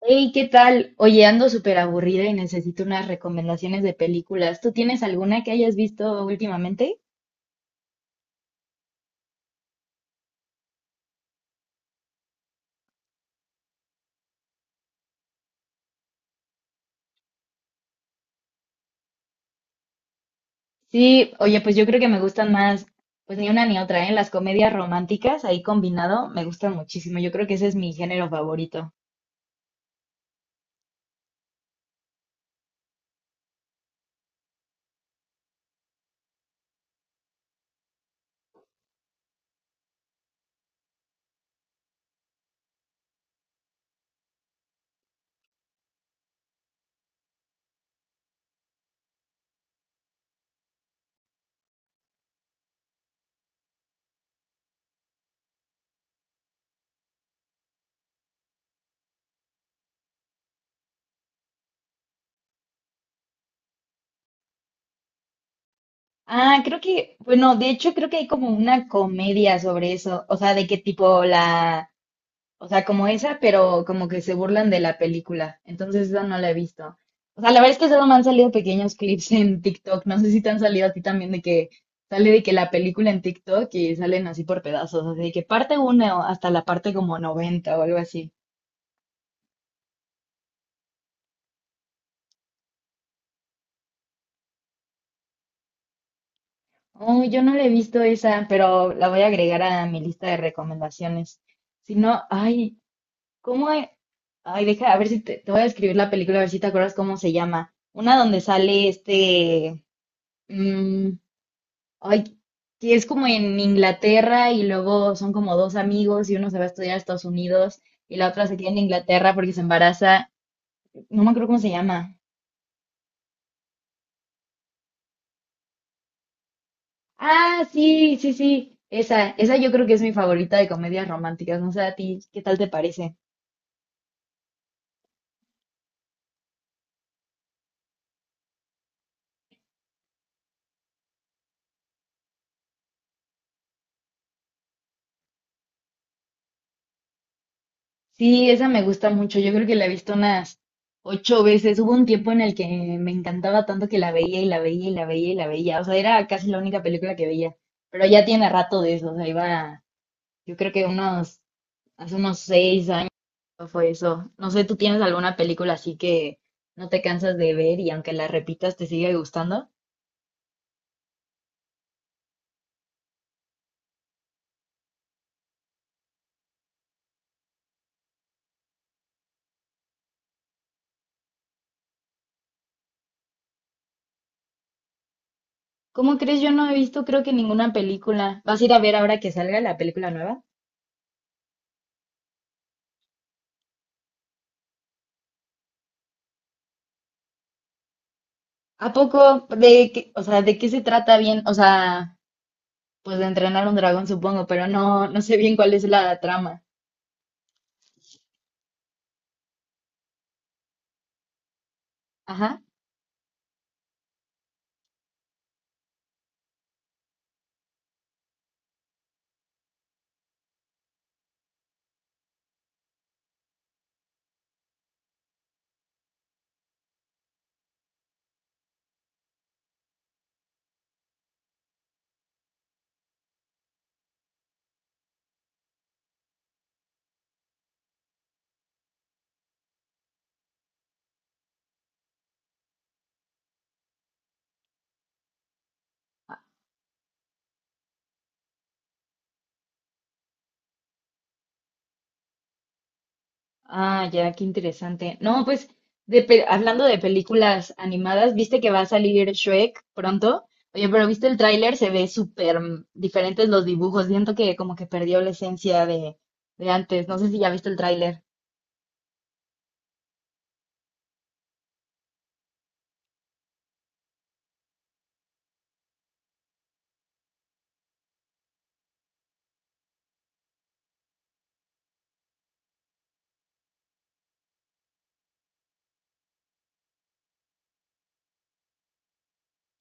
Hey, ¿qué tal? Oye, ando súper aburrida y necesito unas recomendaciones de películas. ¿Tú tienes alguna que hayas visto últimamente? Sí, oye, pues yo creo que me gustan más, pues ni una ni otra, ¿eh? Las comedias románticas ahí combinado me gustan muchísimo. Yo creo que ese es mi género favorito. Ah, creo que, bueno, de hecho creo que hay como una comedia sobre eso, o sea, de qué tipo la. O sea, como esa, pero como que se burlan de la película. Entonces, esa no la he visto. O sea, la verdad es que solo me han salido pequeños clips en TikTok. No sé si te han salido a ti también de que sale de que la película en TikTok y salen así por pedazos. Así de que parte uno hasta la parte como 90 o algo así. Oh, yo no la he visto esa, pero la voy a agregar a mi lista de recomendaciones. Si no, ay, ¿cómo hay? Ay, deja, a ver si te voy a escribir la película, a ver si te acuerdas cómo se llama. Una donde sale este. mm, Ay, que es como en Inglaterra y luego son como dos amigos y uno se va a estudiar a Estados Unidos y la otra se queda en Inglaterra porque se embaraza. No me acuerdo cómo se llama. Ah, sí, sí, sí. Esa yo creo que es mi favorita de comedias románticas. No sé a ti, ¿qué tal te parece? Sí, esa me gusta mucho. Yo creo que la he visto unas ocho veces. Hubo un tiempo en el que me encantaba tanto que la veía y la veía y la veía y la veía. O sea, era casi la única película que veía. Pero ya tiene rato de eso. O sea, iba, yo creo que unos, hace unos 6 años fue eso. No sé, ¿tú tienes alguna película así que no te cansas de ver y aunque la repitas te sigue gustando? ¿Cómo crees? Yo no he visto creo que ninguna película. ¿Vas a ir a ver ahora que salga la película nueva? ¿A poco? ¿De qué, o sea, de qué se trata bien? O sea, pues de entrenar un dragón supongo, pero no, no sé bien cuál es la trama. Ajá. Ah, ya, qué interesante. No, pues hablando de películas animadas, ¿viste que va a salir Shrek pronto? Oye, pero ¿viste el tráiler? Se ve súper diferentes los dibujos. Siento que como que perdió la esencia de antes. No sé si ya viste el tráiler.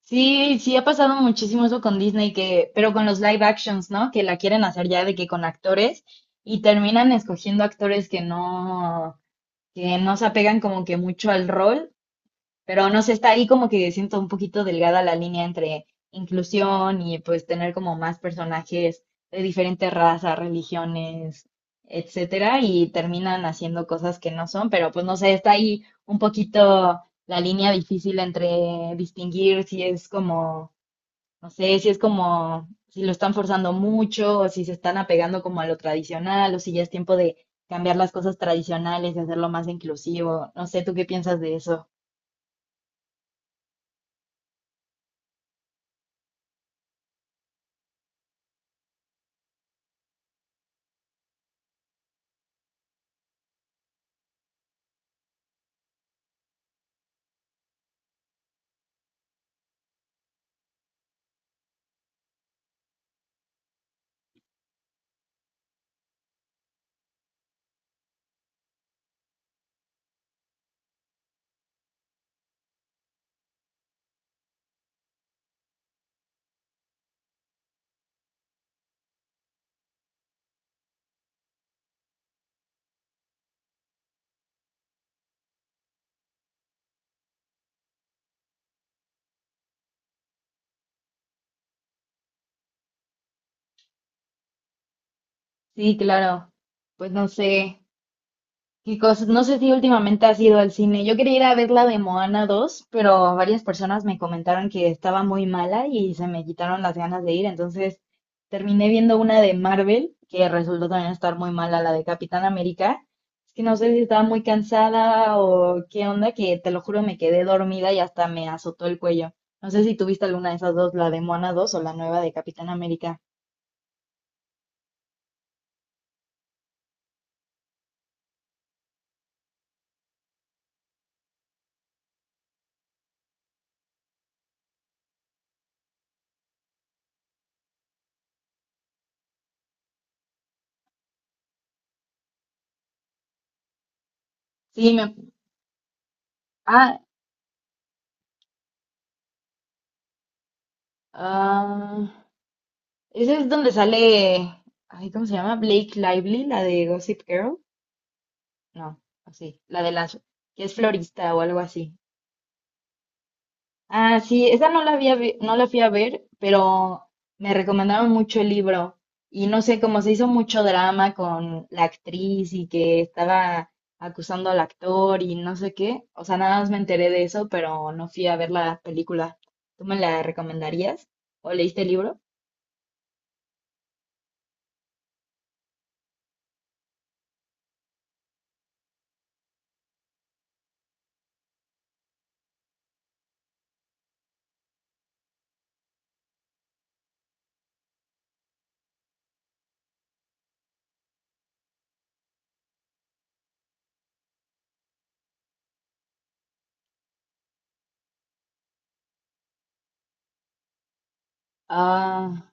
Sí, sí ha pasado muchísimo eso con Disney, que, pero con los live actions, ¿no? Que la quieren hacer ya de que con actores y terminan escogiendo actores que no se apegan como que mucho al rol. Pero no sé, está ahí como que siento un poquito delgada la línea entre inclusión y pues tener como más personajes de diferentes razas, religiones, etcétera, y terminan haciendo cosas que no son, pero pues no sé, está ahí un poquito la línea difícil entre distinguir si es como, no sé, si es como, si lo están forzando mucho, o si se están apegando como a lo tradicional, o si ya es tiempo de cambiar las cosas tradicionales y hacerlo más inclusivo. No sé, ¿tú qué piensas de eso? Sí, claro. Pues no sé qué cosas. No sé si últimamente has ido al cine. Yo quería ir a ver la de Moana 2, pero varias personas me comentaron que estaba muy mala y se me quitaron las ganas de ir. Entonces terminé viendo una de Marvel, que resultó también estar muy mala, la de Capitán América. Es que no sé si estaba muy cansada o qué onda, que te lo juro me quedé dormida y hasta me azotó el cuello. No sé si tuviste alguna de esas dos, la de Moana 2 o la nueva de Capitán América. Sí, me. Ah, ah, ese es donde sale, ay, ¿cómo se llama? Blake Lively, la de Gossip Girl. No, así, la de las que es florista o algo así. Ah, sí, esa no la fui a ver, pero me recomendaron mucho el libro y no sé, cómo se hizo mucho drama con la actriz y que estaba acusando al actor y no sé qué. O sea, nada más me enteré de eso, pero no fui a ver la película. ¿Tú me la recomendarías? ¿O leíste el libro? Ah.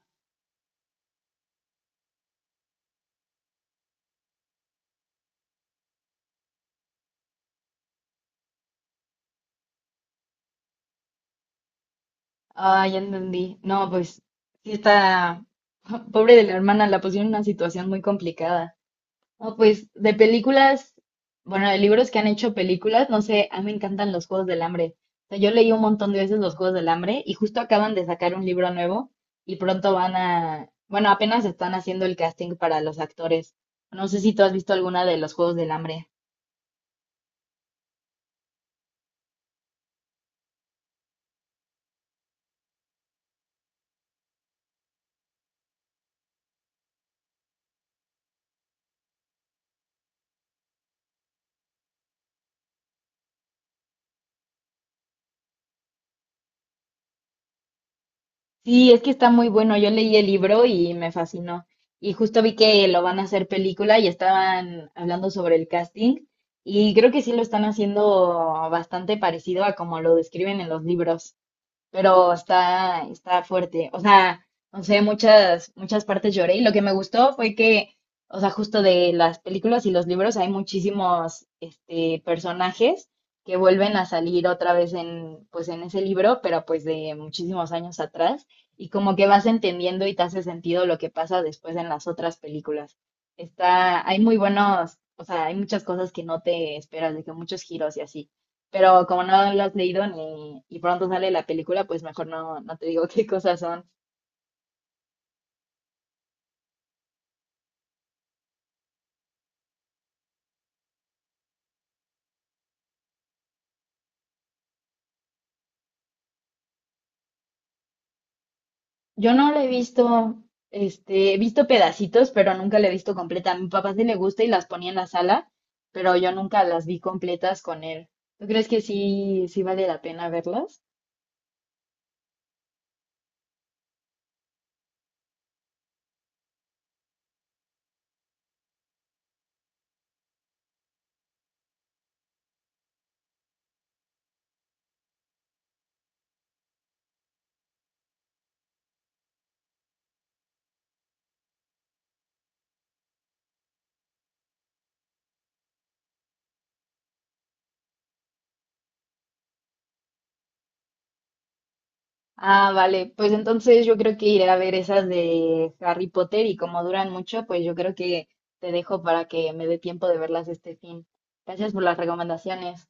Ah, ya entendí. No, pues sí está, pobre de la hermana, la pusieron en una situación muy complicada. No, pues de películas, bueno, de libros que han hecho películas, no sé, a mí me encantan los Juegos del Hambre. O sea, yo leí un montón de veces los Juegos del Hambre y justo acaban de sacar un libro nuevo y pronto van a, bueno, apenas están haciendo el casting para los actores. No sé si tú has visto alguna de los Juegos del Hambre. Sí, es que está muy bueno. Yo leí el libro y me fascinó. Y justo vi que lo van a hacer película y estaban hablando sobre el casting. Y creo que sí lo están haciendo bastante parecido a como lo describen en los libros, pero está, está fuerte. O sea, no sé, muchas, muchas partes lloré. Y lo que me gustó fue que, o sea, justo de las películas y los libros hay muchísimos este, personajes que vuelven a salir otra vez en, pues, en ese libro, pero pues de muchísimos años atrás. Y como que vas entendiendo y te hace sentido lo que pasa después en las otras películas. Está, hay muy buenos, o sea, hay muchas cosas que no te esperas, de que muchos giros y así. Pero como no lo has leído ni y pronto sale la película, pues mejor no, no te digo qué cosas son. Yo no la he visto, este, he visto pedacitos, pero nunca la he visto completa. A mi papá sí le gusta y las ponía en la sala, pero yo nunca las vi completas con él. ¿Tú crees que sí, sí vale la pena verlas? Ah, vale, pues entonces yo creo que iré a ver esas de Harry Potter y como duran mucho, pues yo creo que te dejo para que me dé tiempo de verlas este fin. Gracias por las recomendaciones.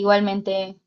Igualmente.